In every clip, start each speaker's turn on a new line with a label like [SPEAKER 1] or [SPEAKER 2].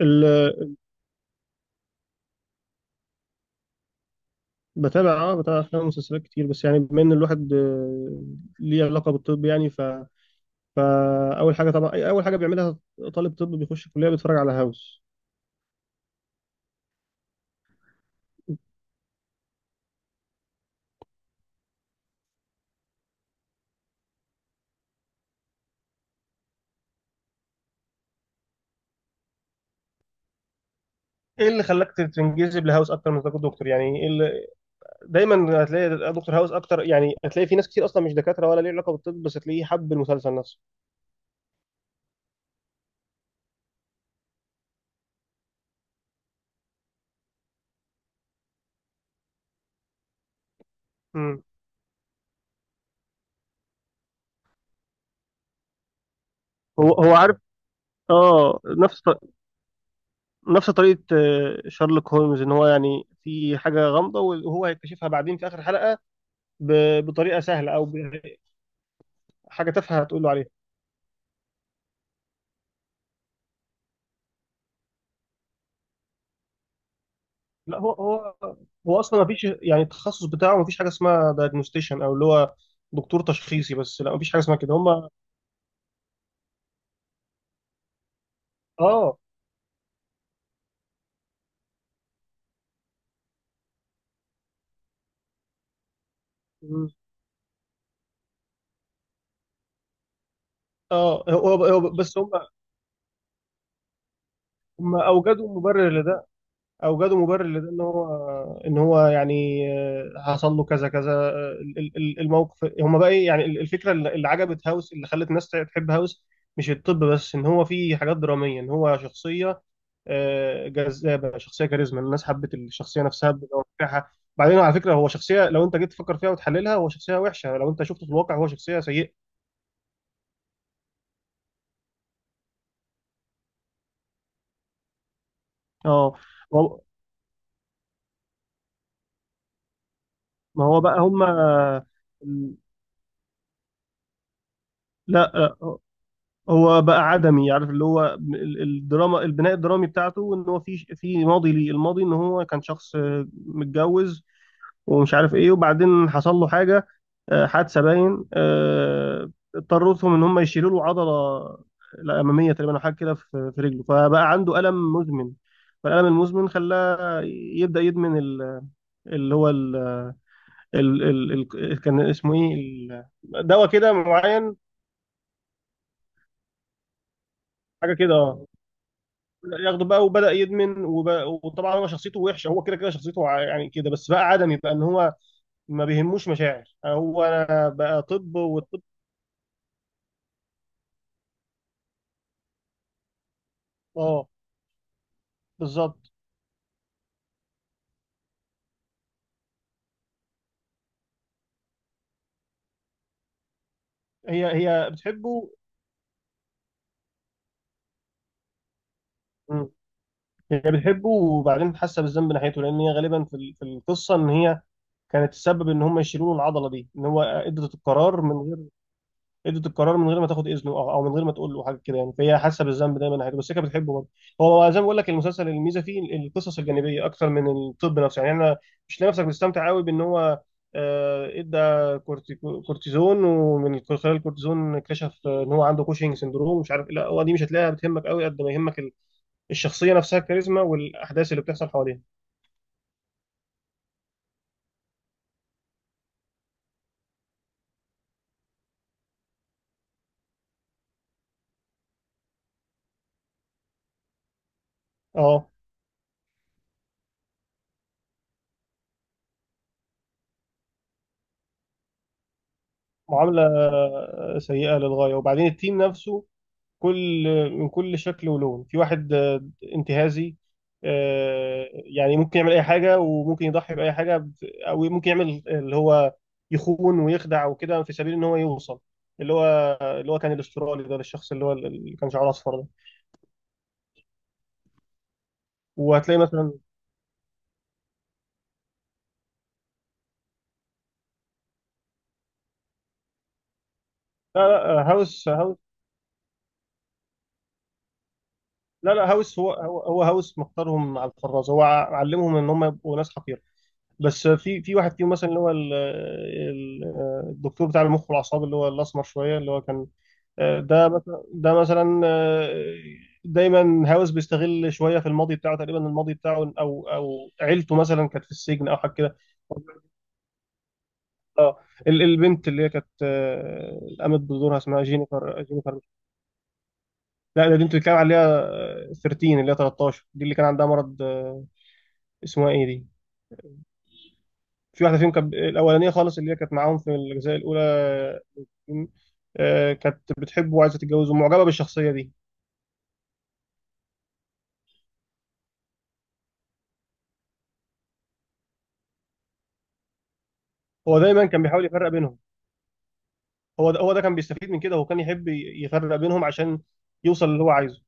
[SPEAKER 1] ال- بتابع افلام ومسلسلات كتير، بس يعني بما ان الواحد ليه علاقه بالطب يعني فاول حاجه طبعا اول حاجه بيعملها طالب طب بيخش الكليه بيتفرج على هاوس. ايه اللي خلاك تنجذب لهاوس اكتر من تكون دكتور؟ دايما هتلاقي دكتور هاوس اكتر. يعني هتلاقي في ناس كتير اصلا مش دكاتره ولا ليه علاقه بالطب، بس هتلاقيه حب المسلسل نفسه. امم هو عارف. اه نفس ط- نفس طريقه شارلوك هولمز، ان هو يعني في حاجه غامضه وهو هيكتشفها بعدين في اخر حلقه بطريقه سهله، او حاجه تافهه هتقول له عليها. لا، هو اصلا ما فيش يعني التخصص بتاعه، ما فيش حاجه اسمها دايجنوستيشن او اللي هو دكتور تشخيصي، بس لا ما فيش حاجه اسمها كده. هم اه م. اه هو بس هم اوجدوا مبرر لده ان هو، يعني حصل له كذا كذا، الموقف. هم بقى ايه؟ يعني الفكره اللي عجبت هاوس، اللي خلت الناس تحب هاوس مش الطب بس، ان هو في حاجات دراميه، ان هو شخصيه جذابه، شخصيه كاريزما، الناس حبت الشخصيه نفسها بتوقعها. بعدين على فكره هو شخصيه، لو انت جيت تفكر فيها وتحللها هو شخصيه وحشه، لو انت شفته في الواقع هو شخصيه سيئه. اه هو- ما هو بقى. لا لا، هو بقى عدمي، عارف اللي هو الدراما، البناء الدرامي بتاعته ان هو في ماضي ليه، الماضي ان هو كان شخص متجوز ومش عارف ايه، وبعدين حصل له حاجه، حادثه باين اضطرتهم ان هم يشيلوا له عضله الاماميه تقريبا، او حاجه كده في رجله، فبقى عنده الم مزمن. فالالم المزمن خلاه يبدا يدمن اللي هو ال ال ال كان اسمه ايه، دواء كده معين، حاجه كده. اه ياخده بقى وبدا يدمن وبقى، وطبعا هو شخصيته وحشه، هو كده كده شخصيته يعني كده، بس بقى عدمي بقى ان هو ما بيهموش مشاعر، هو انا بقى طب والطب. اه، بالظبط. هي بتحبه. مم. هي بتحبه، وبعدين حاسه بالذنب ناحيته، لان هي غالبا في القصه ان هي كانت تسبب ان هم يشيلوا له العضله دي، ان هو ادت القرار من غير ما تاخد اذنه، أو من غير ما تقول له حاجه كده. يعني فهي حاسه بالذنب دايما ناحيته، بس هي كانت بتحبه برضه. هو زي ما بقول لك، المسلسل الميزه فيه القصص الجانبيه اكتر من الطب نفسه. يعني انا مش لاقي نفسك بتستمتع قوي بان هو ادى كورتيزون، ومن خلال الكورتيزون اكتشف ان هو عنده كوشنج سندروم ومش عارف إيه. لا، هو دي مش هتلاقيها بتهمك قوي قد ما يهمك الشخصيه نفسها، الكاريزما والاحداث اللي بتحصل حواليها. اه، معامله سيئه للغايه، وبعدين التيم نفسه كل من كل شكل ولون، في واحد انتهازي، يعني ممكن يعمل اي حاجه وممكن يضحي باي حاجه، او ممكن يعمل اللي هو يخون ويخدع وكده في سبيل ان هو يوصل اللي هو، كان الاسترالي ده، الشخص اللي هو اللي كان شعره اصفر ده. وهتلاقي مثلا، لا لا، هاوس، لا لا، هاوس هو هاوس مختارهم على الفراز، هو علمهم ان هم يبقوا ناس حقيره. بس في واحد فيهم مثلا، اللي هو الدكتور بتاع المخ والاعصاب اللي هو الاسمر شويه اللي هو كان، ده مثلا دايما هاوس بيستغل شويه في الماضي بتاعه تقريبا، الماضي بتاعه او عيلته مثلا كانت في السجن او حاجه كده. اه، البنت اللي هي كانت قامت بدورها اسمها جينيفر لا، ده دي انت بتتكلم عليها، 13 اللي هي 13 دي اللي كان عندها مرض، اسمها ايه دي؟ في واحده فيهم كانت الاولانيه خالص اللي هي كانت معاهم في الجزء الاولى، كانت بتحبه وعايزه تتجوزه، معجبه بالشخصيه دي. هو دايما كان بيحاول يفرق بينهم، هو ده كان بيستفيد من كده، هو كان يحب يفرق بينهم عشان يوصل اللي هو عايزه.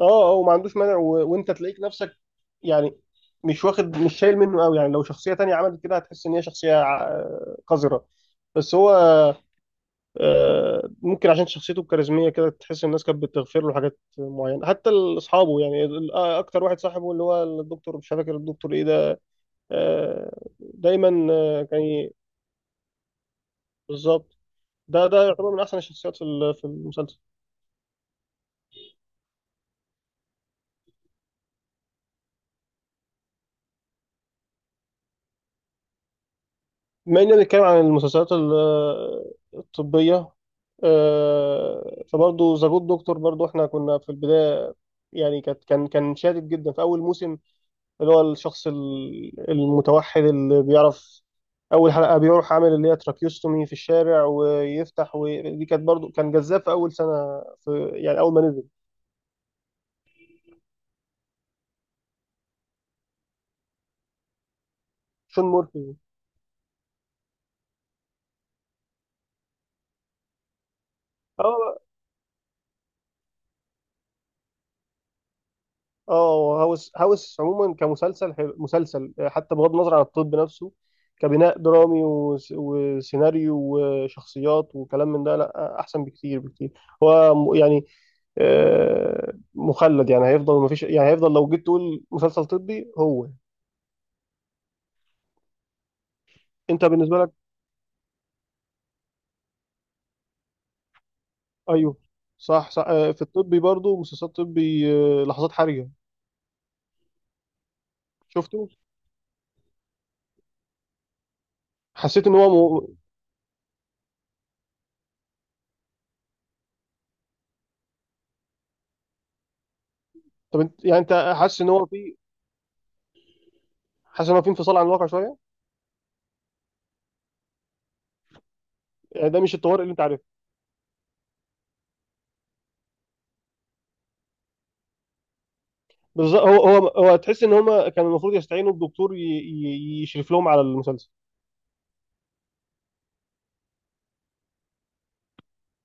[SPEAKER 1] اه، هو ما عندوش مانع، وانت تلاقيك نفسك، يعني مش شايل منه قوي، يعني لو شخصية تانية عملت كده هتحس ان هي شخصية قذرة. بس هو ممكن عشان شخصيته الكاريزمية كده تحس الناس كانت بتغفر له حاجات معينة، حتى اصحابه، يعني اكتر واحد صاحبه اللي هو الدكتور، مش فاكر الدكتور ايه ده. آه، دايما آه، كان ي- بالظبط. ده يعتبر من احسن الشخصيات في في المسلسل. بما اننا بنتكلم عن المسلسلات الطبية، فبرضه ذا جود دكتور، برضه احنا كنا في البداية، يعني كان شادد جدا في أول موسم، اللي هو الشخص المتوحد اللي بيعرف أول حلقة بيروح عامل اللي هي تراكيوستومي في الشارع ويفتح. ودي كانت برضه كان جذاب في أول سنة، في يعني أول ما نزل، شون مورفي. اه، اه، هاوس عموما كمسلسل حلو، مسلسل حتى بغض النظر عن الطب نفسه، كبناء درامي وسيناريو وشخصيات وكلام من ده، لا احسن بكتير بكتير. هو يعني مخلد، يعني هيفضل ما فيش، يعني هيفضل لو جيت تقول مسلسل طبي هو. انت بالنسبه لك؟ ايوه، صح، في الطبي برضو مسلسلات طبي، لحظات حرجه، شفته. حسيت ان هو طب انت يعني حاسس ان هو في، انفصال عن الواقع شويه، يعني ده مش الطوارئ اللي انت عارفه. بالظبط، هو تحس ان هم كان المفروض يستعينوا بدكتور يشرف لهم على المسلسل.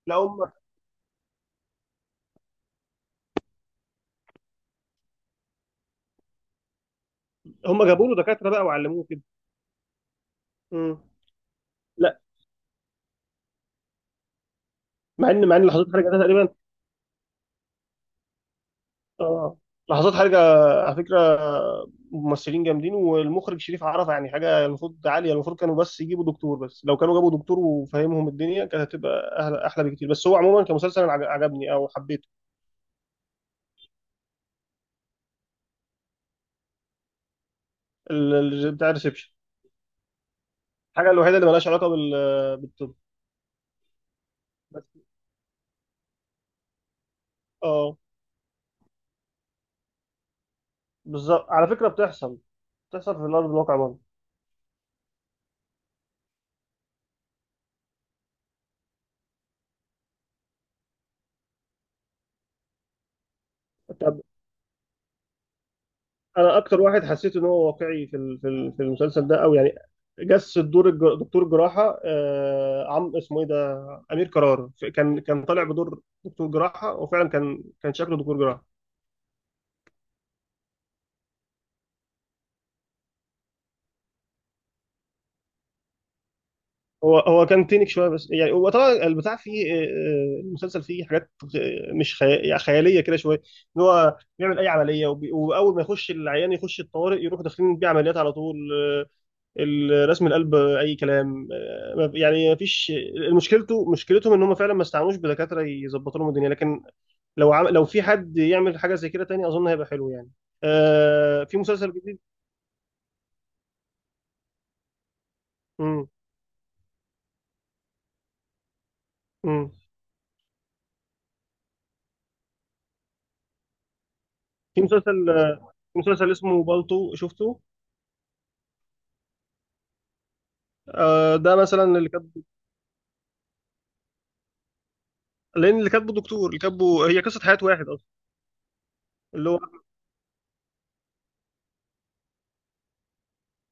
[SPEAKER 1] لا، هم جابوا له دكاتره بقى وعلموه كده. مم. لا، مع ان لحظات حرجه ده تقريبا. اه، لحظات حرجه على فكره ممثلين جامدين، والمخرج شريف عرفه، يعني حاجه المفروض عاليه، المفروض كانوا بس يجيبوا دكتور. بس لو كانوا جابوا دكتور وفهمهم الدنيا كانت هتبقى احلى بكتير. بس هو عموما كمسلسل أنا عجبني او حبيته. بتاع الريسبشن، الحاجه الوحيده اللي مالهاش علاقه بال بالطب بس. اه، بالظبط، على فكره بتحصل، في الارض الواقع برضه. طب انا اكتر واحد حسيت ان هو واقعي في المسلسل ده، او يعني جس الدور دكتور جراحه، آه، عم اسمه ايه ده، امير قرار. كان طالع بدور دكتور جراحه، وفعلا كان شكله دكتور جراحه. هو كان تينك شويه، بس يعني هو طبعا البتاع فيه، المسلسل فيه حاجات مش يعني خياليه كده شويه، ان هو بيعمل اي عمليه، واول ما يخش العيان يخش الطوارئ يروح داخلين بيه عمليات على طول، الرسم القلب اي كلام، يعني ما فيش. مشكلتهم ان هم فعلا ما استعنوش بدكاتره يظبطوا لهم الدنيا. لكن لو في حد يعمل حاجه زي كده تاني اظن هيبقى حلو، يعني في مسلسل جديد. مم. مم. في مسلسل في مسلسل اسمه بالطو، شفته. آه، ده مثلا اللي كاتبه، لان اللي كاتبه دكتور، اللي كاتبه هي قصه حياه واحد اصلا. اللي هو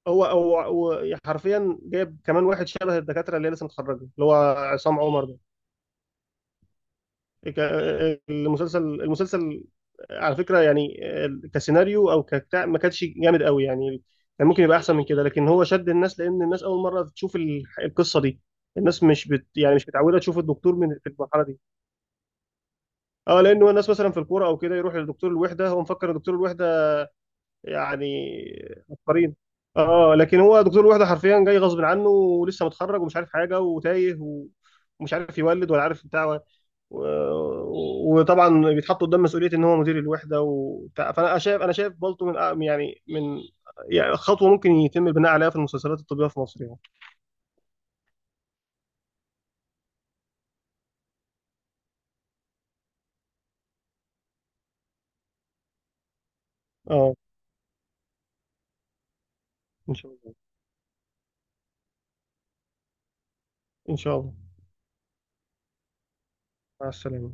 [SPEAKER 1] هو هو هو حرفيا جايب كمان واحد شبه الدكاتره اللي هي لسه متخرجه، اللي هو عصام عمر. ك- المسلسل على فكرة يعني كسيناريو او كبتاع ما كانش جامد قوي يعني، كان ممكن يبقى احسن من كده. لكن هو شد الناس لان الناس اول مرة تشوف القصة دي، الناس مش بت يعني مش متعوده تشوف الدكتور من في المرحله دي. اه، لانه الناس مثلا في الكوره او كده يروح لدكتور الوحده، هو مفكر دكتور الوحده يعني عبقريين. اه، لكن هو دكتور الوحده حرفيا جاي غصب عنه، ولسه متخرج ومش عارف حاجه وتايه، ومش عارف يولد ولا عارف بتاع، وطبعا بيتحط قدام مسؤوليه ان هو مدير الوحده وبتاع. فانا شايف، انا شايف بالطو من يعني يعني خطوه ممكن يتم البناء عليها في المسلسلات الطبيه في مصر يعني. اه، ان شاء الله، ان شاء الله. مع السلامه.